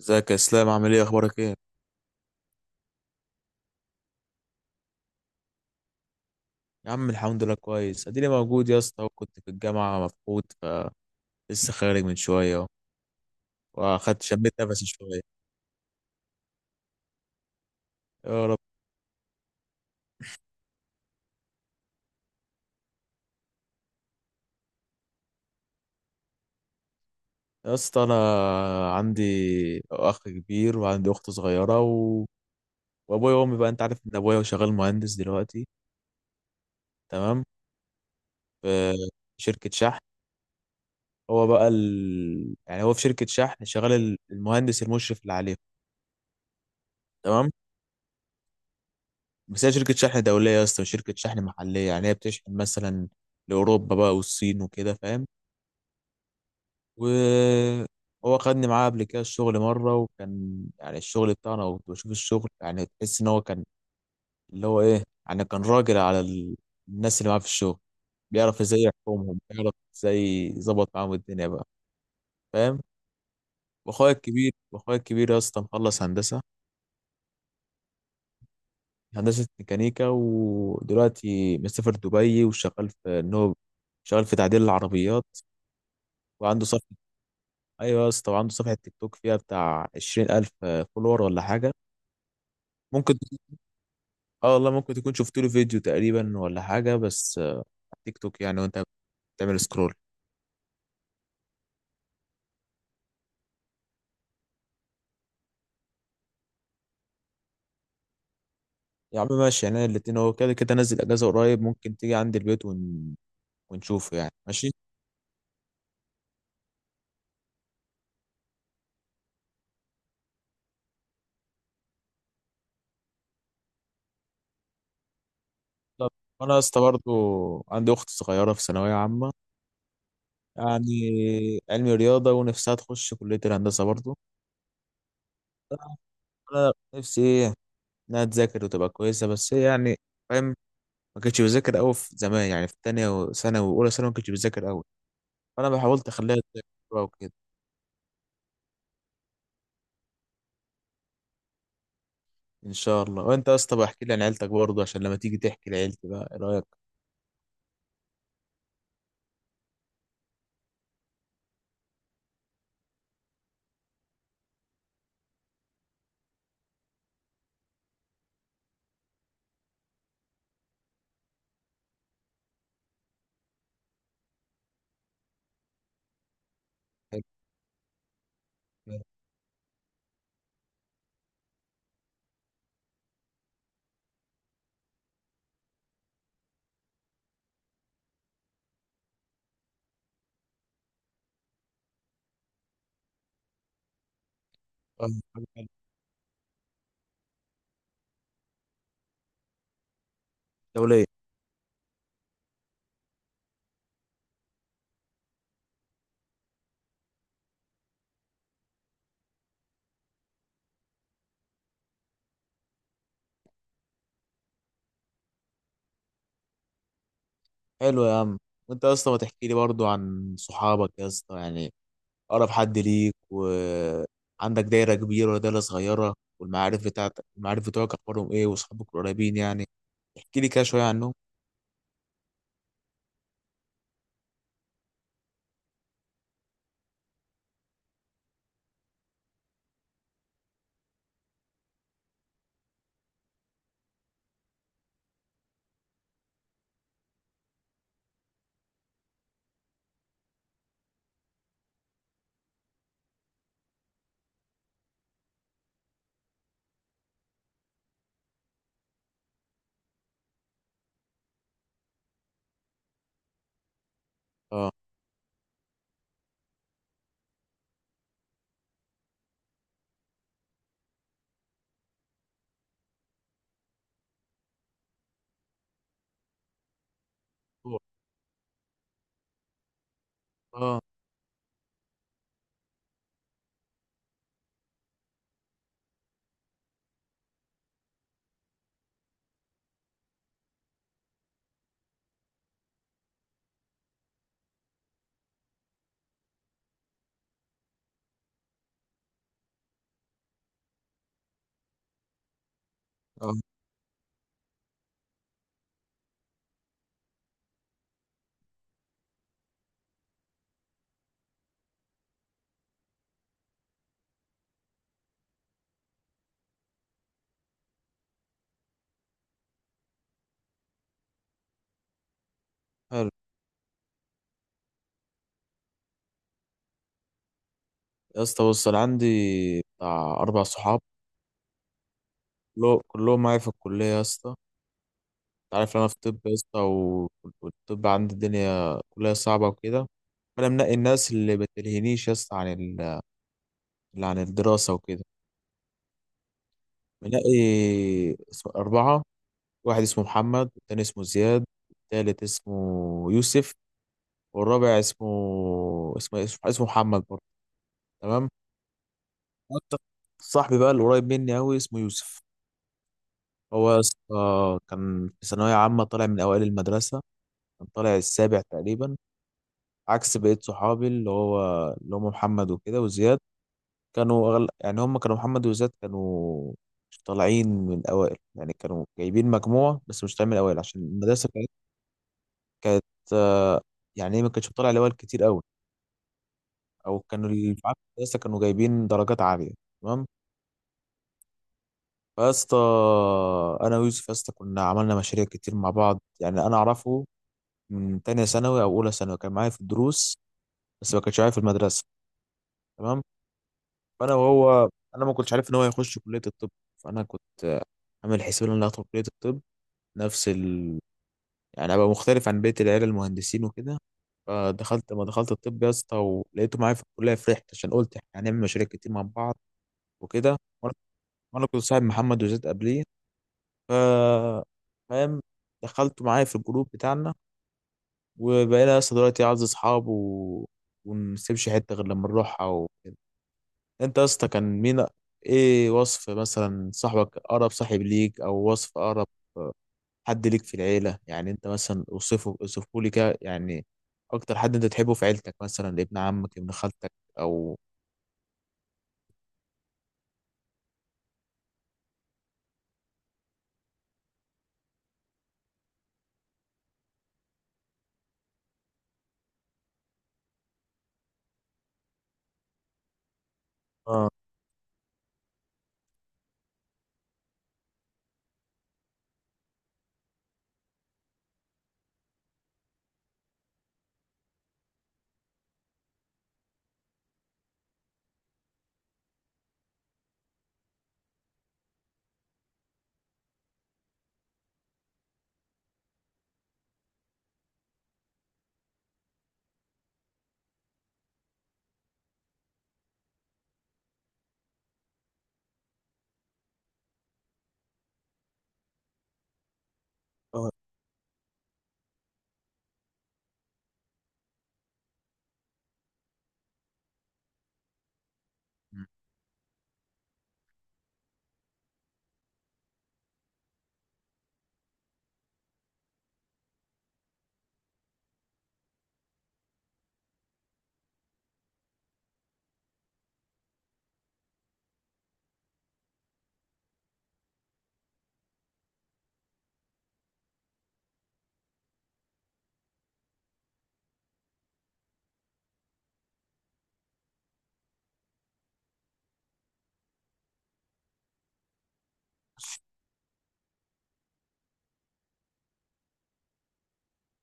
ازيك يا اسلام؟ عامل ايه؟ اخبارك ايه؟ يا عم الحمد لله كويس، اديني موجود يا اسطى، وكنت في الجامعه مفقود. فلسه خارج من شويه اهو، واخدت شميت نفسي شويه. يا رب. يا اسطى انا عندي اخ كبير وعندي اخت صغيره وابويا وامي، بقى انت عارف ان ابويا شغال مهندس دلوقتي. تمام. في شركه شحن. هو بقى يعني هو في شركه شحن شغال المهندس المشرف اللي عليه. تمام. بس هي شركة شحن دولية يا اسطى، وشركة شحن محلية، يعني هي بتشحن مثلا لأوروبا بقى والصين وكده، فاهم؟ وهو خدني معاه قبل كده الشغل مرة، وكان يعني الشغل بتاعنا، وكنت بشوف الشغل، يعني تحس إن هو كان اللي هو إيه، يعني كان راجل على الناس اللي معاه في الشغل. بيعرف إزاي يحكمهم، بيعرف إزاي يظبط معاهم الدنيا بقى، فاهم؟ وأخويا الكبير يا اسطى مخلص هندسة. هندسة ميكانيكا، ودلوقتي مسافر دبي وشغال في إن هو شغال في تعديل العربيات. وعنده صفحة. أيوة يا اسطى، وعنده صفحة تيك توك فيها بتاع 20,000 فولور ولا حاجة. ممكن تكون- اه والله ممكن تكون شفت له فيديو تقريبا ولا حاجة، بس على تيك توك يعني، وأنت بتعمل سكرول. يا عم ماشي، يعني الاتنين هو كده كده نزل أجازة قريب، ممكن تيجي عندي البيت ونشوفه يعني، ماشي. طب وأنا يا اسطى برضه عندي أخت صغيرة في ثانوية عامة، يعني علمي رياضة، ونفسها تخش كلية الهندسة برضه. أنا نفسي إيه، إنها تذاكر وتبقى كويسة، بس هي يعني، فاهم، ما كانتش بتذاكر قوي في زمان، يعني في تانية وثانوي واولى ثانوي ما كانتش بتذاكر قوي، فانا حاولت اخليها تذاكر بقى وكده. ان شاء الله. وانت يا اسطى بقى احكي لي عن عيلتك برضه، عشان لما تيجي تحكي لعيلتي بقى، ايه رايك؟ حلو. آه، حاجة حلوة. دوليه. حلو يا عم. وانت يا اسطى ما تحكي لي برضه عن صحابك يا اسطى، يعني اقرب حد ليك، وعندك دايره كبيره ولا دايره صغيره، والمعارف بتاعتك، المعارف بتوعك اخبارهم ايه، واصحابك القريبين يعني، احكي لي كده شويه عنهم. اه. اه. اه. حلو. يا اسطى بص انا عندي بتاع اربع صحاب. كلهم معايا في الكليه يا اسطى. انت عارف انا في طب يا اسطى والطب عندي الدنيا كلها صعبه وكده، فانا منقي الناس اللي بتلهينيش يا اسطى عن اللي عن الدراسه وكده. منقي اربعه. واحد اسمه محمد، والتاني اسمه زياد، والتالت اسمه يوسف، والرابع اسمه اسمه محمد برضه. تمام. وأكتر صاحبي بقى اللي قريب مني قوي اسمه يوسف. هو يا اسطى كان في ثانوية عامة طالع من أوائل المدرسة، كان طالع السابع تقريبا، عكس بقية صحابي اللي هو اللي هم محمد وكده وزياد. كانوا يعني هم كانوا محمد وزياد كانوا مش طالعين من الأوائل، يعني كانوا جايبين مجموعة بس مش طالعين من الأوائل، عشان المدرسة كانت، كانت آه، يعني إيه، ما كانتش بتطلع الأوائل كتير أوي، أو كانوا اللي في المدرسة كانوا جايبين درجات عالية. تمام. فيا اسطى، انا ويوسف يا اسطى كنا عملنا مشاريع كتير مع بعض، يعني انا اعرفه من تانية ثانوي أو أولى ثانوي، كان معايا في الدروس بس ما كانش معايا في المدرسة. تمام. فأنا وهو، أنا ما كنتش عارف إن هو هيخش كلية الطب، فأنا كنت عامل حسابي إن أنا هدخل كلية الطب، نفس ال، يعني أبقى مختلف عن بقية العيال المهندسين وكده. فدخلت ما دخلت الطب يا اسطى ولقيته معايا في الكلية، فرحت عشان قلت إحنا هنعمل مشاريع كتير مع بعض وكده. وأنا وأنا كنت صاحب محمد وزيد قبليه، ف، فاهم، دخلته معايا في الجروب بتاعنا، وبقينا يا اسطى دلوقتي اعز اصحاب، ونسيبش حته غير لما نروحها وكده. انت يا اسطى كان مين، ايه وصف مثلا صاحبك، اقرب صاحب ليك، او وصف اقرب حد ليك في العيله، يعني انت مثلا اوصفه، اوصفه لي كده يعني، اكتر حد انت تحبه في عيلتك، مثلا ابن عمك، ابن خالتك، او. اه. اه.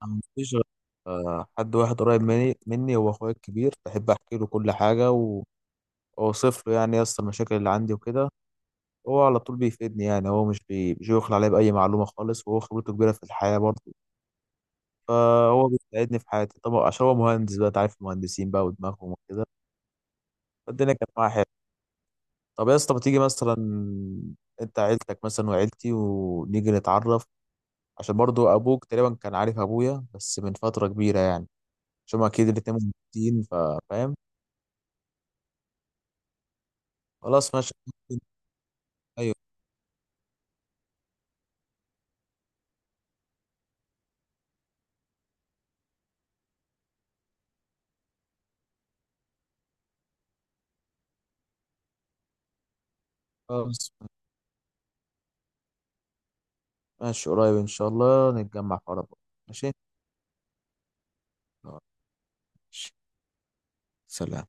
أنا مفيش غير- حد واحد قريب مني هو اخويا الكبير. بحب احكي له كل حاجه واوصف له يعني يا اسطى المشاكل اللي عندي وكده. هو على طول بيفيدني، يعني هو مش بيخلى عليا بأي معلومة خالص، وهو خبرته كبيرة في الحياة برضه. فهو بيساعدني في حياتي طبعا، عشان هو مهندس بقى، أنت عارف المهندسين بقى ودماغهم وكده. فالدنيا كانت معايا حلوة. طب يا اسطى ما تيجي مثلا، أنت عيلتك مثلا وعيلتي، ونيجي نتعرف، عشان برضه أبوك تقريبا كان عارف أبويا بس من فترة كبيرة يعني، عشان هما أكيد الاتنين مهندسين، فاهم؟ خلاص، ماشي. أيوه. خلاص ماشي، قريب إن شاء الله نتجمع في عرب. ماشي. خلاص. سلام.